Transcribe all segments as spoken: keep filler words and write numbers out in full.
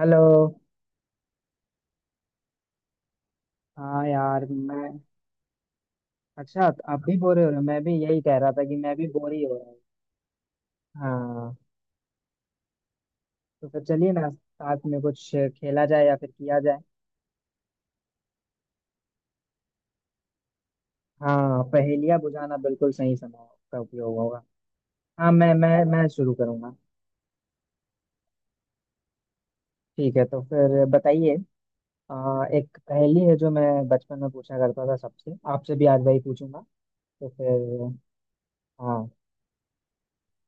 Hello. हाँ यार मैं। अच्छा। आप भी बोर हो रहे हो, मैं भी यही कह रहा था कि मैं भी बोर ही हो रहा हूँ। हाँ। तो फिर चलिए ना, साथ में कुछ खेला जाए या फिर किया जाए। हाँ, पहेलियाँ बुझाना बिल्कुल सही समय का उपयोग होगा। हाँ, मैं मैं मैं शुरू करूँगा। ठीक है, तो फिर बताइए। आ, एक पहेली है जो मैं बचपन में पूछा करता था सबसे, आपसे भी आज वही पूछूंगा। तो फिर। हाँ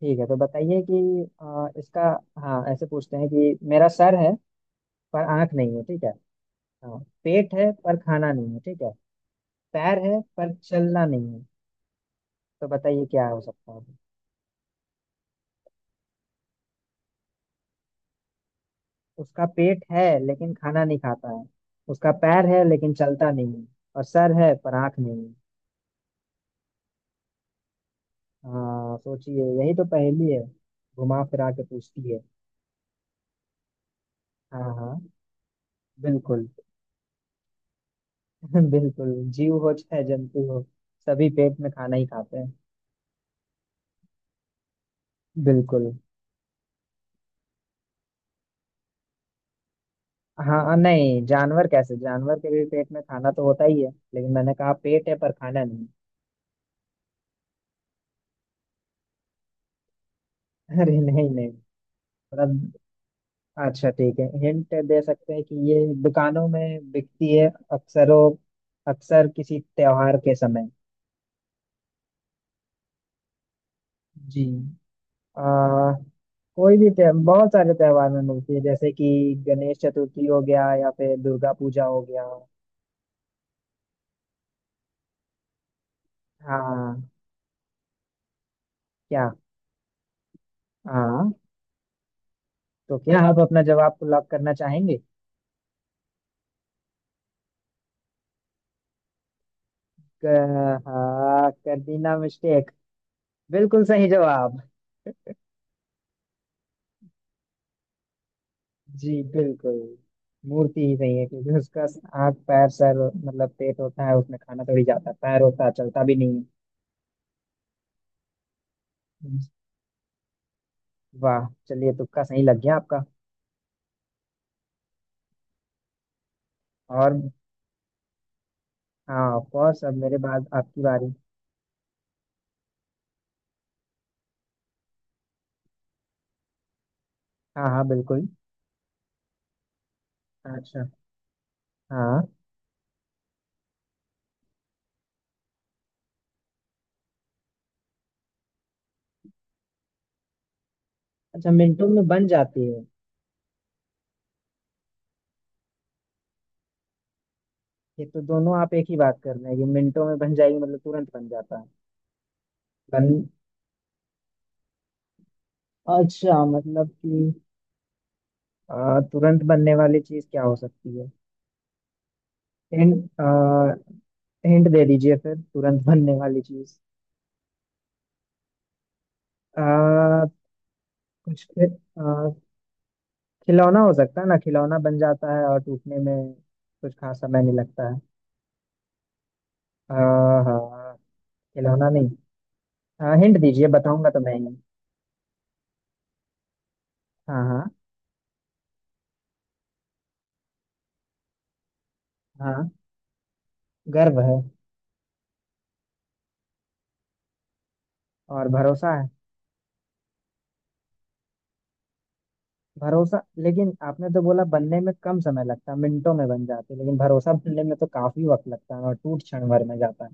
ठीक है, तो बताइए कि आ, इसका। हाँ, ऐसे पूछते हैं कि मेरा सर है पर आँख नहीं है, ठीक है। हाँ। पेट है पर खाना नहीं है, ठीक है। पैर है पर चलना नहीं है। तो बताइए क्या हो सकता है। उसका पेट है लेकिन खाना नहीं खाता है। उसका पैर है लेकिन चलता नहीं है। और सर है पर आंख नहीं है। हाँ, सोचिए यही तो पहेली है। घुमा फिरा के पूछती है। हाँ हाँ बिल्कुल। बिल्कुल, जीव हो चाहे जंतु हो, सभी पेट में खाना ही खाते हैं। बिल्कुल। हाँ नहीं, जानवर कैसे, जानवर के भी पेट में खाना तो होता ही है, लेकिन मैंने कहा पेट है पर खाना नहीं। अरे नहीं नहीं। मतलब, अच्छा ठीक है, हिंट दे सकते हैं कि ये दुकानों में बिकती है अक्सरों अक्सर किसी त्योहार के समय। जी। आ, कोई भी त्योहार, बहुत सारे त्योहार में मिलती है, जैसे कि गणेश चतुर्थी हो गया या फिर दुर्गा पूजा हो गया। हाँ। क्या। हाँ। तो क्या आप अपना जवाब को लॉक करना चाहेंगे। क- हाँ, कर दी ना मिस्टेक। बिल्कुल सही जवाब। जी बिल्कुल। मूर्ति ही सही है, क्योंकि उसका हाथ, पैर, सर, मतलब पेट होता है उसमें खाना थोड़ी जाता है, पैर होता है चलता भी नहीं है। वाह, चलिए तुक्का सही लग गया आपका। और। हाँ, ऑफ कोर्स, अब मेरे बाद आपकी बारी। हाँ हाँ बिल्कुल। अच्छा। हाँ। अच्छा, मिनटों में बन जाती है। ये तो दोनों आप एक ही बात कर रहे हैं, ये मिनटों में बन जाएगी मतलब तुरंत बन जाता है। बन अच्छा, मतलब कि आ, तुरंत बनने वाली चीज क्या हो सकती है। हिंट हिंट दे दीजिए फिर, तुरंत बनने वाली चीज। आ कुछ खि- आ, खिलौना हो सकता है ना, खिलौना बन जाता है और टूटने में कुछ खास समय नहीं लगता है। आ, हाँ, खिलौना नहीं। हाँ, हिंट दीजिए, बताऊंगा तो मैं ही। हाँ हाँ हाँ। गर्व है। और भरोसा है। भरोसा, लेकिन आपने तो बोला बनने में कम समय लगता है, मिनटों में बन जाती है, लेकिन भरोसा बनने में तो काफी वक्त लगता है और टूट क्षण भर में जाता है।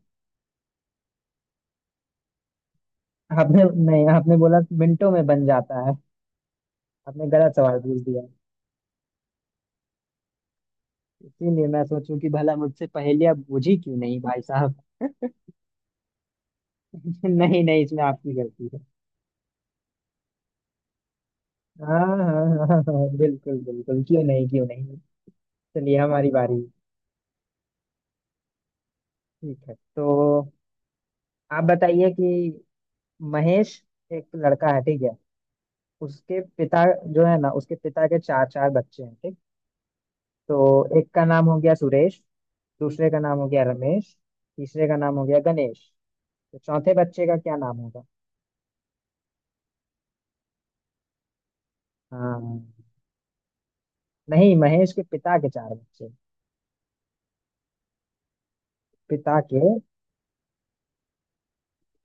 आपने नहीं, आपने बोला मिनटों में बन जाता है। आपने गलत सवाल पूछ दिया। इसीलिए मैं सोचूं कि भला मुझसे पहले आप बुझी क्यों नहीं भाई साहब। नहीं नहीं, इसमें आपकी गलती है। हाँ हाँ हाँ हाँ हाँ, बिल्कुल बिल्कुल, क्यों नहीं क्यों नहीं। चलिए हमारी बारी। ठीक है, तो आप बताइए कि महेश एक लड़का है, ठीक है। उसके पिता, जो है ना, उसके पिता के चार चार बच्चे हैं, ठीक। तो एक का नाम हो गया सुरेश। दूसरे का नाम हो गया रमेश। तीसरे का नाम हो गया गणेश। तो चौथे बच्चे का क्या नाम होगा। हाँ नहीं, महेश के पिता के चार बच्चे। पिता के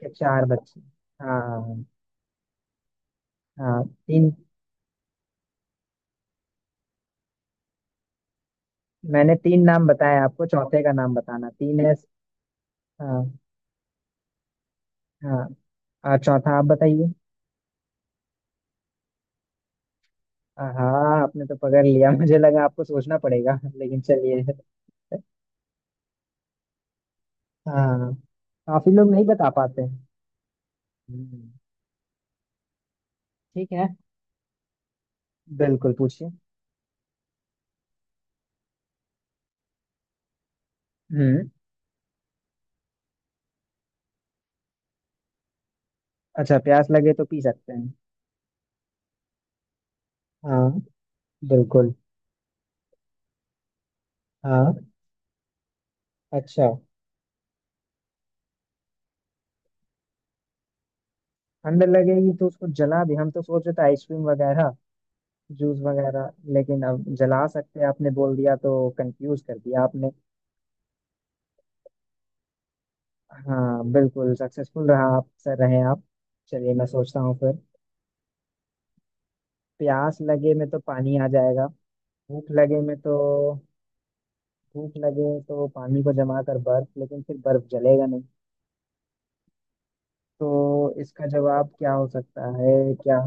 के चार बच्चे। हाँ हाँ। हाँ, तीन। मैंने तीन नाम बताए, आपको चौथे का नाम बताना, तीन है। हाँ हाँ। और चौथा आप बताइए। हाँ, आपने तो पकड़ लिया, मुझे लगा आपको सोचना पड़ेगा, लेकिन चलिए। हाँ, काफी लोग नहीं बता पाते हैं। हम्म। ठीक है, बिल्कुल पूछिए। हम्म। अच्छा, प्यास लगे तो पी सकते हैं। हाँ बिल्कुल। हाँ। अच्छा, ठंड लगेगी तो उसको जला भी, हम तो सोच रहे थे आइसक्रीम वगैरह, जूस वगैरह, लेकिन अब जला सकते हैं आपने बोल दिया तो कंफ्यूज कर दिया आपने। हाँ, बिल्कुल सक्सेसफुल रहा, आप सर रहे आप। चलिए मैं सोचता हूँ फिर। प्यास लगे में तो पानी आ जाएगा। भूख लगे में तो भूख लगे तो पानी को जमा कर बर्फ, लेकिन फिर बर्फ जलेगा नहीं। तो इसका जवाब क्या हो सकता है क्या।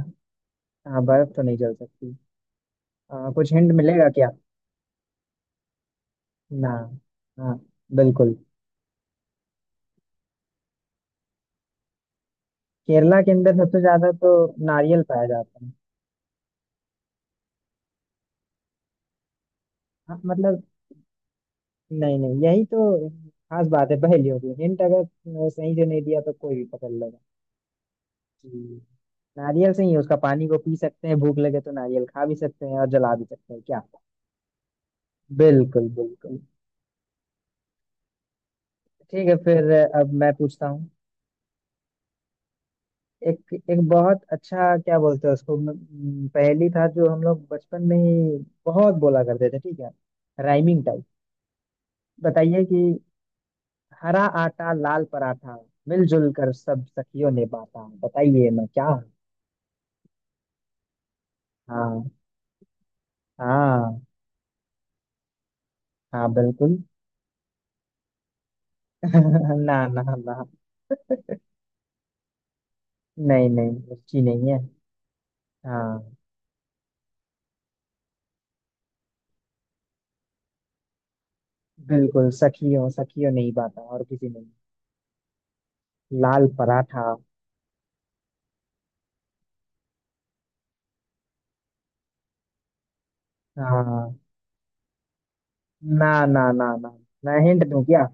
हाँ, बर्फ तो नहीं जल सकती। आ, कुछ हिंट मिलेगा क्या। ना। हाँ बिल्कुल। केरला के अंदर सबसे ज्यादा तो नारियल पाया जाता है। हाँ मतलब, नहीं नहीं, यही तो खास बात है पहेलियों की, हिंट अगर अ, सही से नहीं दिया तो कोई भी पकड़ लेगा। जी। नारियल से ही उसका पानी को पी सकते हैं, भूख लगे तो नारियल खा भी सकते हैं और जला भी सकते हैं क्या। बिल्कुल बिल्कुल। ठीक है फिर अ, अब मैं पूछता हूँ। एक एक बहुत अच्छा, क्या बोलते हैं उसको, म, म, पहेली था जो हम लोग बचपन में ही बहुत बोला करते थे, ठीक है। Rhyming type. बताइए कि हरा आटा, लाल पराठा, मिलजुल कर सब सखियों ने बांटा, बताइए मैं क्या हूँ। हाँ हाँ। हाँ बिल्कुल। ना ना ना। नहीं नहीं, उसकी नहीं है। हाँ, बिल्कुल, सखियों सखियों नहीं पाता और किसी नहीं। लाल पराठा। हाँ, ना ना ना ना। मैं हिंट दूं क्या।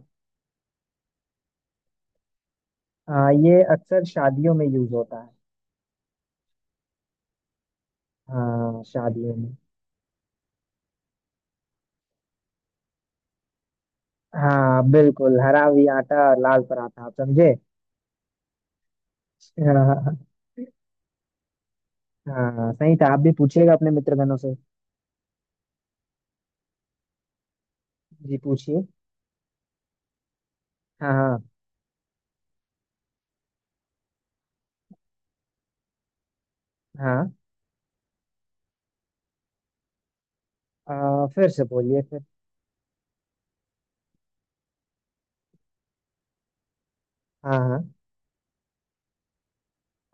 हाँ, ये अक्सर शादियों में यूज होता है। हाँ, शादियों में। हाँ बिल्कुल, हरा भी आटा और लाल पराठा, आप समझे। हाँ हाँ, सही था, आप भी पूछिएगा अपने मित्र गणों से। जी पूछिए। हाँ हाँ हाँ। आ, फिर से बोलिए फिर। हाँ हाँ।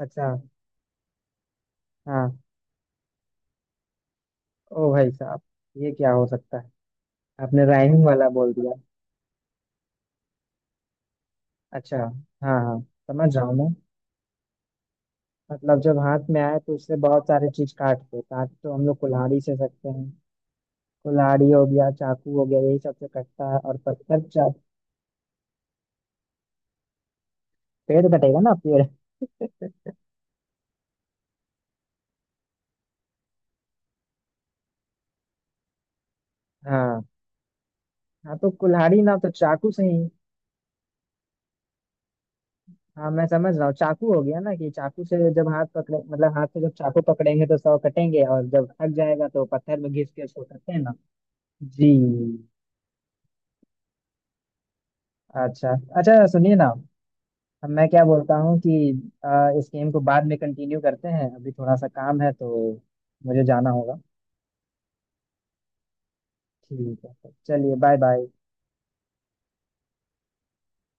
अच्छा। हाँ। ओ भाई साहब, ये क्या हो सकता है। आपने राइमिंग वाला बोल दिया। अच्छा। हाँ हाँ, समझ रहा हूँ मैं। मतलब जब हाथ में आए तो उससे बहुत सारे चीज काटते हैं, काट तो हम लोग कुल्हाड़ी से सकते हैं। कुल्हाड़ी हो गया, चाकू हो गया, यही सबसे कटता है और पत्थर चा। पेड़ कटेगा ना, पेड़। हाँ हाँ, तो कुल्हाड़ी ना तो चाकू से ही। हाँ, मैं समझ रहा हूँ, चाकू हो गया ना, कि चाकू से जब हाथ पकड़े, मतलब हाथ से जब चाकू पकड़ेंगे तो सौ कटेंगे, और जब थक जाएगा तो पत्थर में घिस के उसको करते हैं ना। जी। अच्छा अच्छा, सुनिए ना। अब मैं क्या बोलता हूँ कि आ, इस गेम को बाद में कंटिन्यू करते हैं, अभी थोड़ा सा काम है तो मुझे जाना होगा। ठीक है, चलिए बाय बाय।